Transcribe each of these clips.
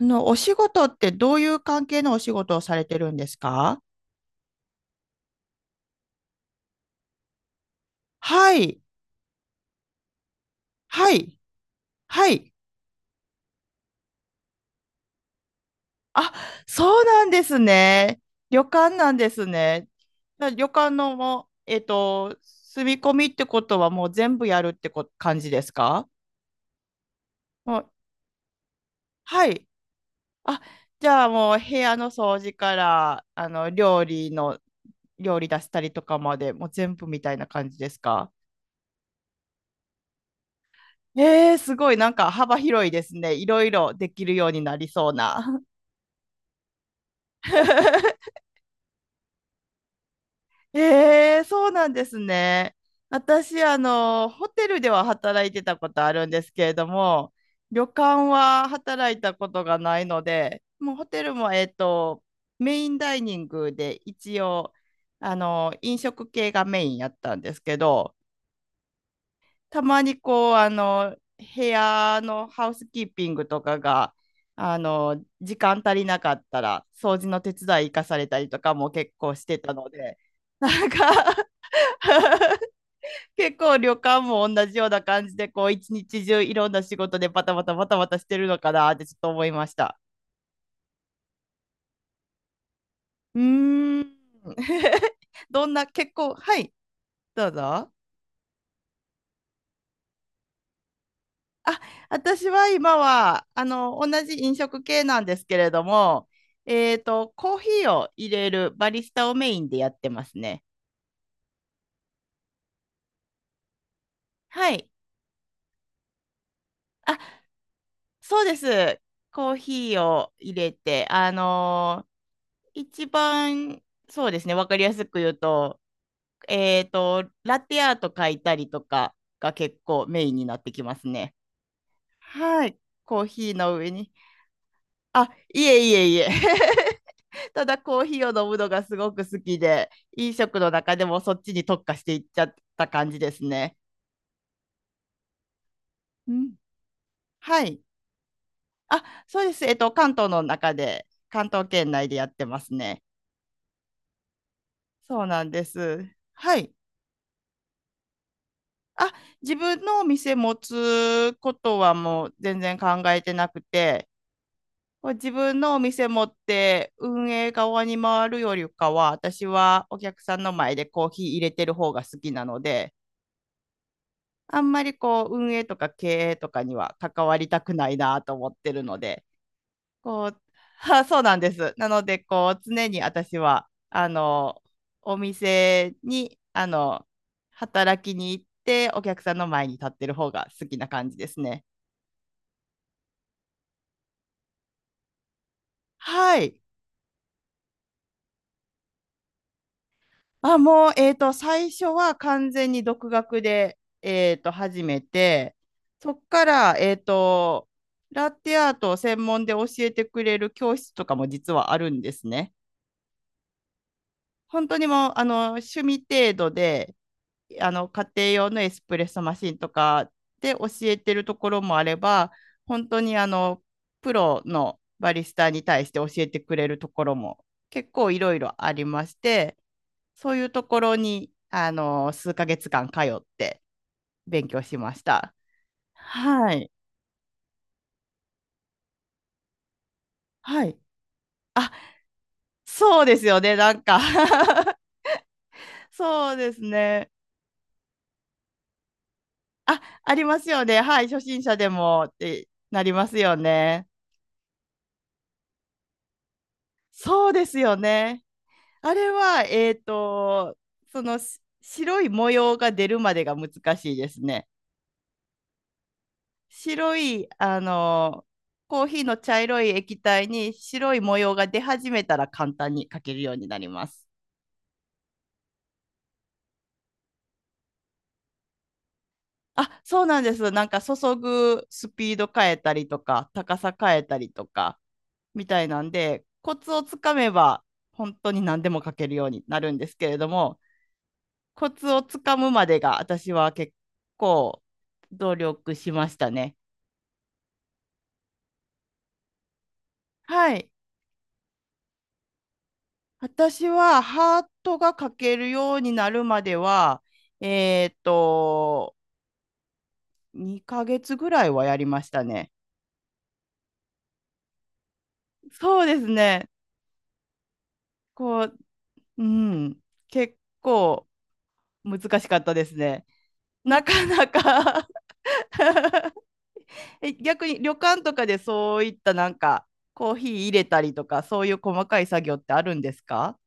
お仕事ってどういう関係のお仕事をされてるんですか？はい、はい、はい。あ、そうなんですね。旅館なんですね。じゃあ旅館のもう、住み込みってことはもう全部やるって感じですか？もう、はい。あ、じゃあもう部屋の掃除から、料理の、料理出したりとかまで、もう全部みたいな感じですか？えー、すごい、なんか幅広いですね。いろいろできるようになりそうな。えー、そうなんですね。私、ホテルでは働いてたことあるんですけれども、旅館は働いたことがないので、もうホテルも、メインダイニングで一応、飲食系がメインやったんですけど、たまにこう部屋のハウスキーピングとかが時間足りなかったら掃除の手伝い行かされたりとかも結構してたので、なんか 結構旅館も同じような感じでこう一日中いろんな仕事でバタバタしてるのかなってちょっと思いました。うーん。 どんな結構はい。どうぞ。あ、私は今は、同じ飲食系なんですけれども、コーヒーを入れるバリスタをメインでやってますね。はい。あ、そうです。コーヒーを入れて、一番、そうですね、わかりやすく言うと、ラテアート書いたりとかが結構メインになってきますね。はい。コーヒーの上に。あ、いえいえいえ。ただコーヒーを飲むのがすごく好きで、飲食の中でもそっちに特化していっちゃった感じですね。うん。はい。あ、そうです。関東の中で、関東圏内でやってますね。そうなんです。はい。あ、自分のお店持つことはもう全然考えてなくて、こう自分のお店持って運営側に回るよりかは、私はお客さんの前でコーヒー入れてる方が好きなので、あんまりこう運営とか経営とかには関わりたくないなと思ってるので、こう、はあそうなんです。なので、こう、常に私は、お店に、働きに行って、お客さんの前に立ってる方が好きな感じですね。はい。あ、もう、最初は完全に独学で、始めて、そっから、ラテアートを専門で教えてくれる教室とかも実はあるんですね。本当にもう趣味程度で家庭用のエスプレッソマシンとかで教えてるところもあれば、本当にプロのバリスタに対して教えてくれるところも結構いろいろありまして、そういうところに数ヶ月間通って勉強しました。はい、はい、そうですよね、なんか そうですね。あ、ありますよね。はい。初心者でもってなりますよね。そうですよね。あれは、そのし白い模様が出るまでが難しいですね。白い、コーヒーの茶色い液体に白い模様が出始めたら簡単にかけるようになります。あ、そうなんです。なんか注ぐスピード変えたりとか、高さ変えたりとか、みたいなんで、コツをつかめば本当に何でも書けるようになるんですけれども、コツをつかむまでが私は結構努力しましたね。はい。私はハートが書けるようになるまでは、えっと、2ヶ月ぐらいはやりましたね。そうですね。こう、うん、結構難しかったですね。なかなか。 え、逆に旅館とかでそういったなんかコーヒー入れたりとかそういう細かい作業ってあるんですか？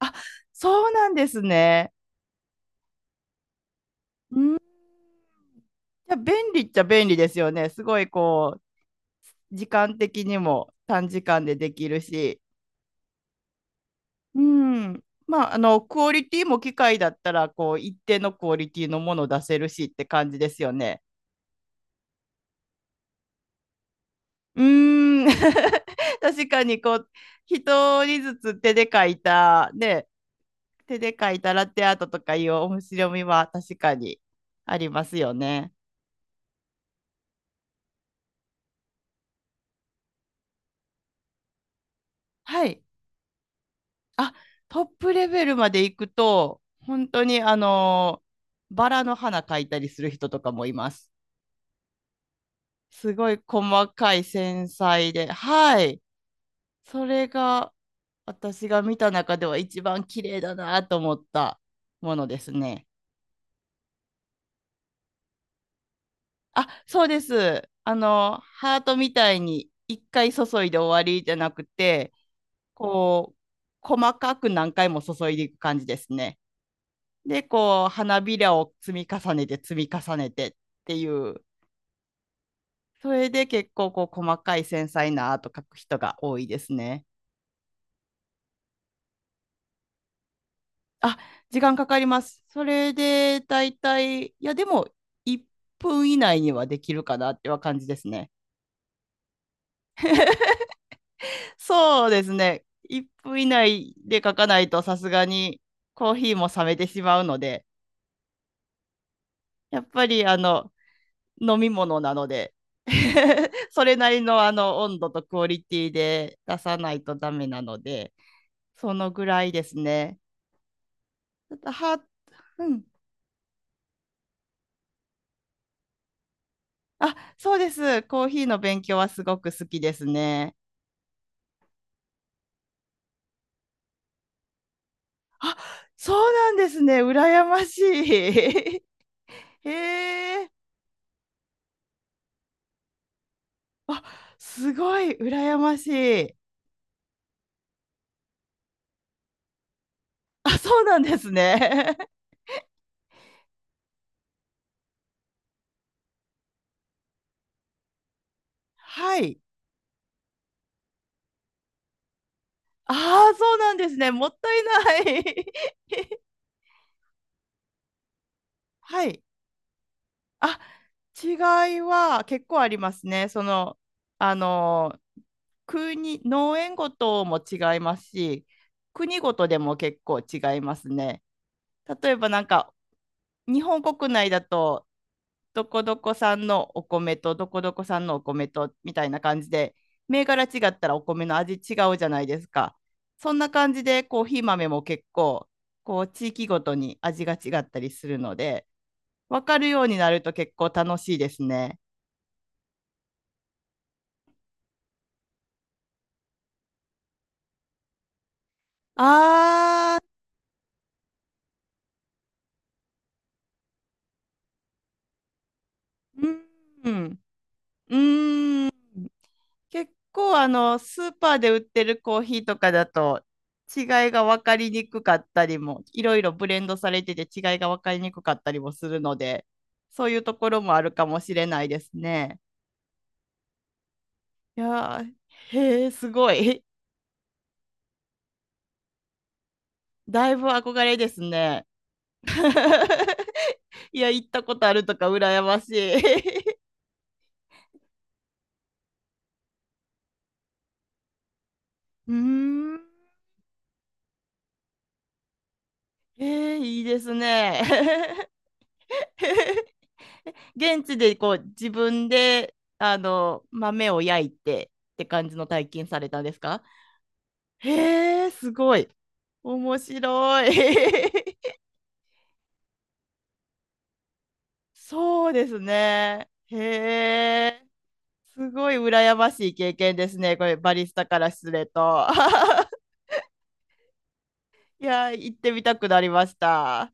あ、そうなんですね。うん、いや便利っちゃ便利ですよね。すごいこう時間的にも短時間でできるし。うん、まあ、あのクオリティも機械だったらこう一定のクオリティのものを出せるしって感じですよね。うーん。 確かにこう一人ずつ手で書いたね、手で描いたラテアートとかいう面白みは確かにありますよね。はい。あ、トップレベルまで行くと、本当にバラの花描いたりする人とかもいます。すごい細かい繊細で、はい。それが私が見た中では一番綺麗だなと思ったものですね。あ、そうです。ハートみたいに一回注いで終わりじゃなくて、こう、細かく何回も注いでいく感じですね。で、こう、花びらを積み重ねて積み重ねてっていう、それで結構こう、細かい繊細なアート描く人が多いですね。あ、時間かかります。それで、だいたい、いや、でも、1分以内にはできるかなっては感じですね。そうですね。1分以内で書かないとさすがにコーヒーも冷めてしまうので、やっぱり飲み物なので それなりの温度とクオリティで出さないとダメなので、そのぐらいですね。ちょっとは、うん。あ、そうです。コーヒーの勉強はすごく好きですね。あ、そうなんですね。羨ましい。へえ。あ、すごい羨ましい。あ、そうなんですね。はい。ああ、そうなんですね。もったいない。はい。あ、違いは結構ありますね。その、あの、国、農園ごとも違いますし、国ごとでも結構違いますね。例えばなんか、日本国内だと、どこどこ産のお米とどこどこ産のお米とみたいな感じで、銘柄違ったらお米の味違うじゃないですか。そんな感じでコーヒー豆も結構、こう、地域ごとに味が違ったりするので、分かるようになると結構楽しいですね。あー、うん。うん。結構あの、スーパーで売ってるコーヒーとかだと違いが分かりにくかったりも、いろいろブレンドされてて違いが分かりにくかったりもするので、そういうところもあるかもしれないですね。いやー、へえ、すごい。だいぶ憧れですね。いや、行ったことあるとか羨ましい。うーん。えー、いいですね。現地でこう自分で豆を焼いてって感じの体験されたんですか？へえ、すごい。面白い。そうですね。へえ、すごい羨ましい経験ですね。これ、バリスタからすると。いやー、行ってみたくなりました。